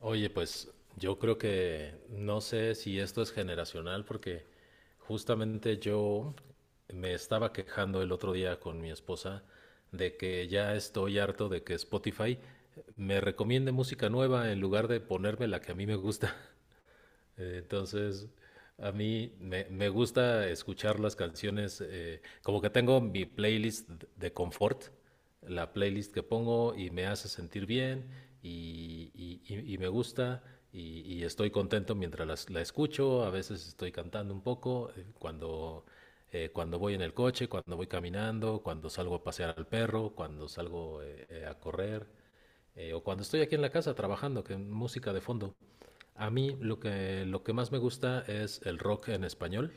Oye, pues yo creo que no sé si esto es generacional porque justamente yo me estaba quejando el otro día con mi esposa de que ya estoy harto de que Spotify me recomiende música nueva en lugar de ponerme la que a mí me gusta. Entonces, a mí me gusta escuchar las canciones, como que tengo mi playlist de confort, la playlist que pongo y me hace sentir bien y me gusta y estoy contento mientras la escucho, a veces estoy cantando un poco, cuando voy en el coche, cuando voy caminando, cuando salgo a pasear al perro, cuando salgo a correr o cuando estoy aquí en la casa trabajando, que música de fondo. A mí lo que más me gusta es el rock en español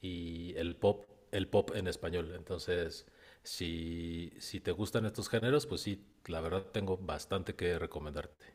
y el pop en español. Entonces, si te gustan estos géneros, pues sí, la verdad tengo bastante que recomendarte.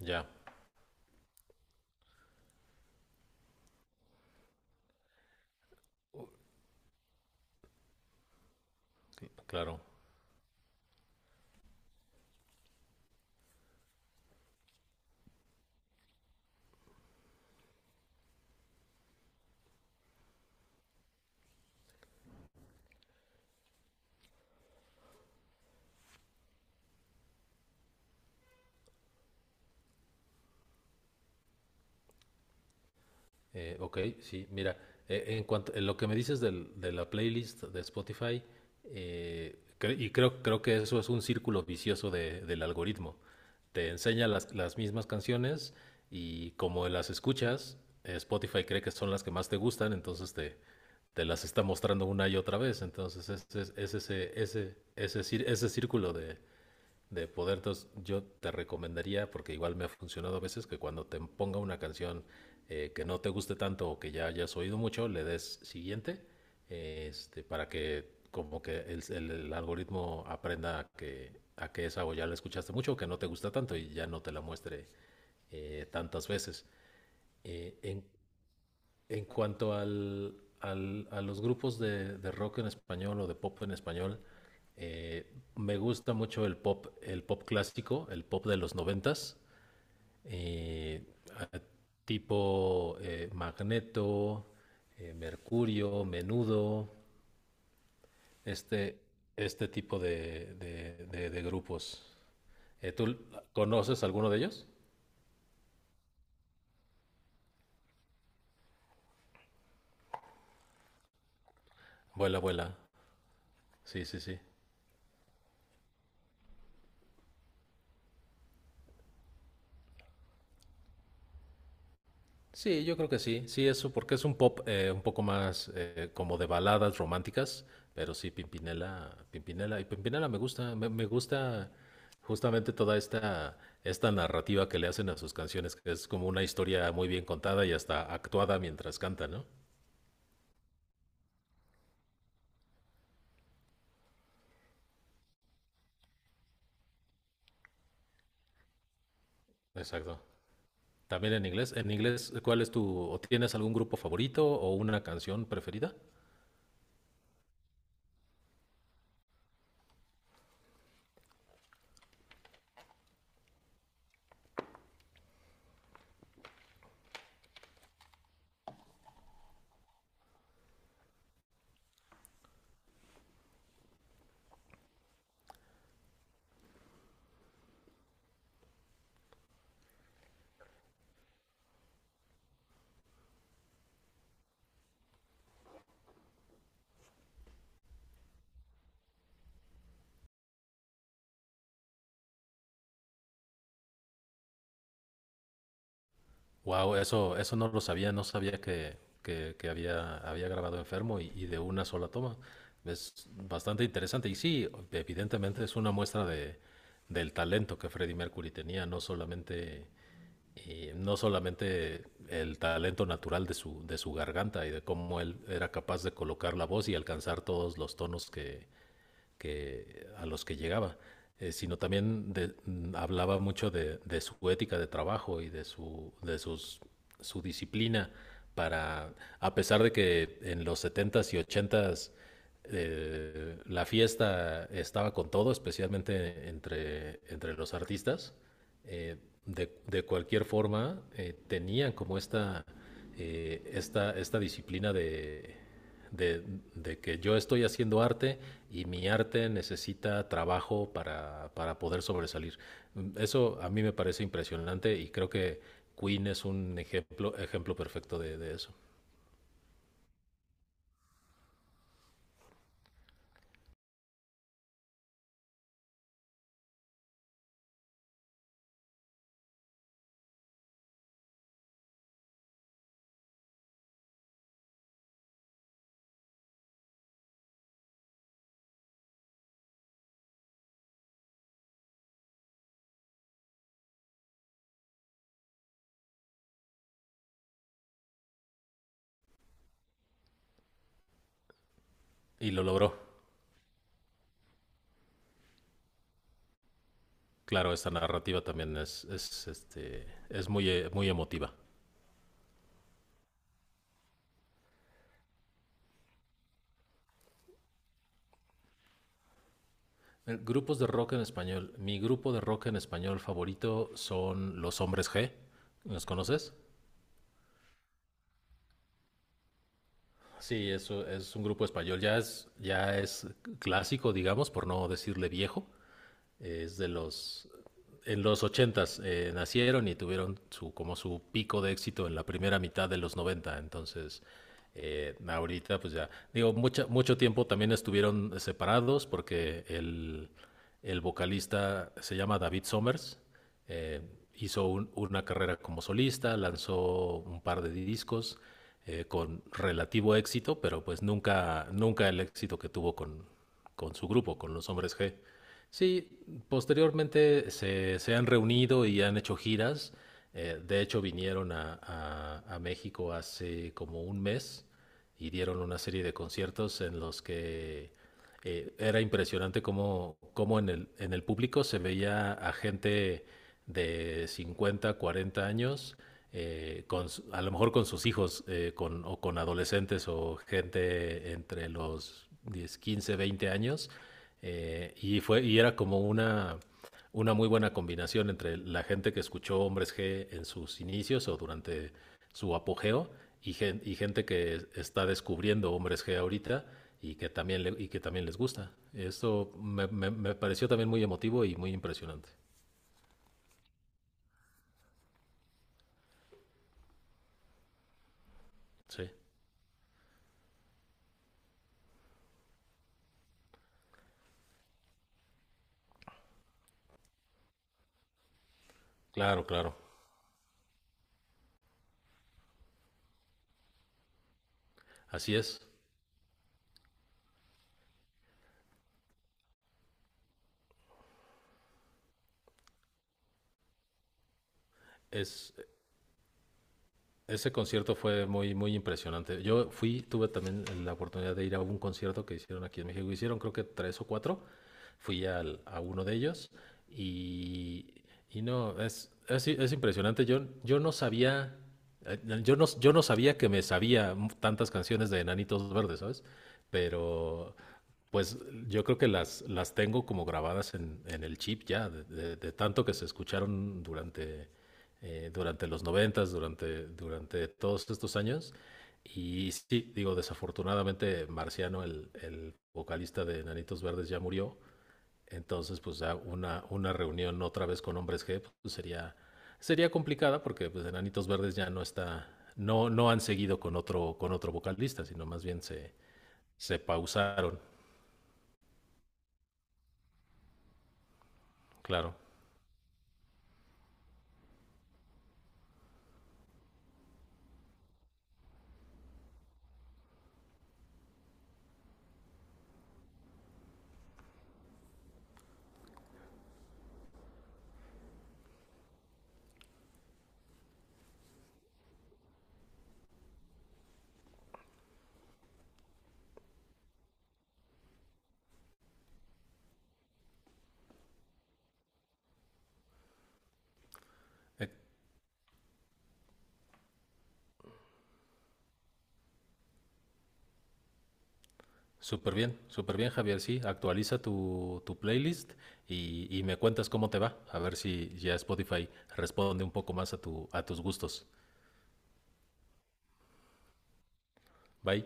Ya, claro. Ok, sí, mira, en cuanto en lo que me dices de la playlist de Spotify, creo que eso es un círculo vicioso del algoritmo. Te enseña las mismas canciones y como las escuchas, Spotify cree que son las que más te gustan, entonces te las está mostrando una y otra vez. Entonces, ese, es ese, ese, ese, cir- ese círculo de poder. Entonces, yo te recomendaría, porque igual me ha funcionado a veces, que cuando te ponga una canción que no te guste tanto o que ya hayas oído mucho, le des siguiente, para que como que el algoritmo aprenda a que esa o ya la escuchaste mucho o que no te gusta tanto y ya no te la muestre tantas veces. Eh, en en cuanto a los grupos de rock en español o de pop en español, eh, me gusta mucho el pop clásico, el pop de los noventas, eh, a- tipo Magneto, Mercurio, Menudo, este, este tipo de grupos. ¿Tú conoces alguno de ellos? Vuela, vuela. Sí, sí, sí. Sí, yo creo que sí, sí, eso, porque es un pop un poco más como de baladas románticas, pero sí, Pimpinela, Pimpinela, y Pimpinela me gusta, me gusta justamente toda esta narrativa que le hacen a sus canciones, que es como una historia muy bien contada y hasta actuada mientras canta, ¿no? Exacto. También en inglés, ¿O tienes algún grupo favorito o una canción preferida? Wow, eso no lo sabía, no sabía que había grabado enfermo y de una sola toma. Es bastante interesante. Y sí, evidentemente es una muestra del talento que Freddie Mercury tenía, no solamente, no solamente el talento natural de su garganta y de cómo él era capaz de colocar la voz y alcanzar todos los tonos a los que llegaba, sino también hablaba mucho su ética de trabajo y de, su, de sus, su disciplina para, a pesar de que en los setentas y ochentas la fiesta estaba con todo, especialmente entre los artistas, eh, cualquier forma tenían como esta disciplina de, de que yo estoy haciendo arte y mi arte necesita trabajo para poder sobresalir. Eso a mí me parece impresionante y creo que Queen es un ejemplo perfecto de eso. Y lo logró. Claro, esta narrativa también es muy emotiva. Grupos de rock en español. Mi grupo de rock en español favorito son Los Hombres G. ¿Los conoces? Sí, eso es un grupo español, ya es clásico, digamos, por no decirle viejo es de los... En los ochentas nacieron y tuvieron como su pico de éxito en la primera mitad de los 90 entonces... Ahorita, pues ya, digo, mucho tiempo también estuvieron separados porque el vocalista se llama David Somers, eh, hizo una carrera como solista, lanzó un par de discos con relativo éxito, pero pues nunca el éxito que tuvo con su grupo, con los Hombres G. Sí, posteriormente se han reunido y han hecho giras. De hecho, vinieron a México hace como un mes y dieron una serie de conciertos en los que era impresionante cómo en el público se veía a gente de 50 40 años, a lo mejor con sus hijos o con adolescentes o gente entre los 10 15 20 años. Y era como una muy buena combinación entre la gente que escuchó Hombres G en sus inicios o durante su apogeo y gente que está descubriendo Hombres G ahorita y que también les gusta. Esto me pareció también muy emotivo y muy impresionante. Sí, claro, claro. Así es. Es, Ese concierto fue muy, muy impresionante. Yo tuve también la oportunidad de ir a un concierto que hicieron aquí en México. Hicieron creo que tres o cuatro. Fui a uno de ellos y, y no, es impresionante. Yo no sabía, yo no sabía que me sabía tantas canciones de Enanitos Verdes, ¿sabes? Pero pues yo creo que las tengo como grabadas en el chip ya, de tanto que se escucharon durante durante los noventas, durante todos estos años. Y sí, digo, desafortunadamente Marciano, el vocalista de Nanitos Verdes, ya murió. Entonces, pues ya una reunión otra vez con Hombres G pues, sería complicada porque pues Enanitos Verdes ya no está, no, no han seguido con otro vocalista, sino más bien se pausaron, claro. Eh, súper bien, Javier. Sí, actualiza tu playlist y me cuentas cómo te va. A ver si ya Spotify responde un poco más a tus gustos. Bye.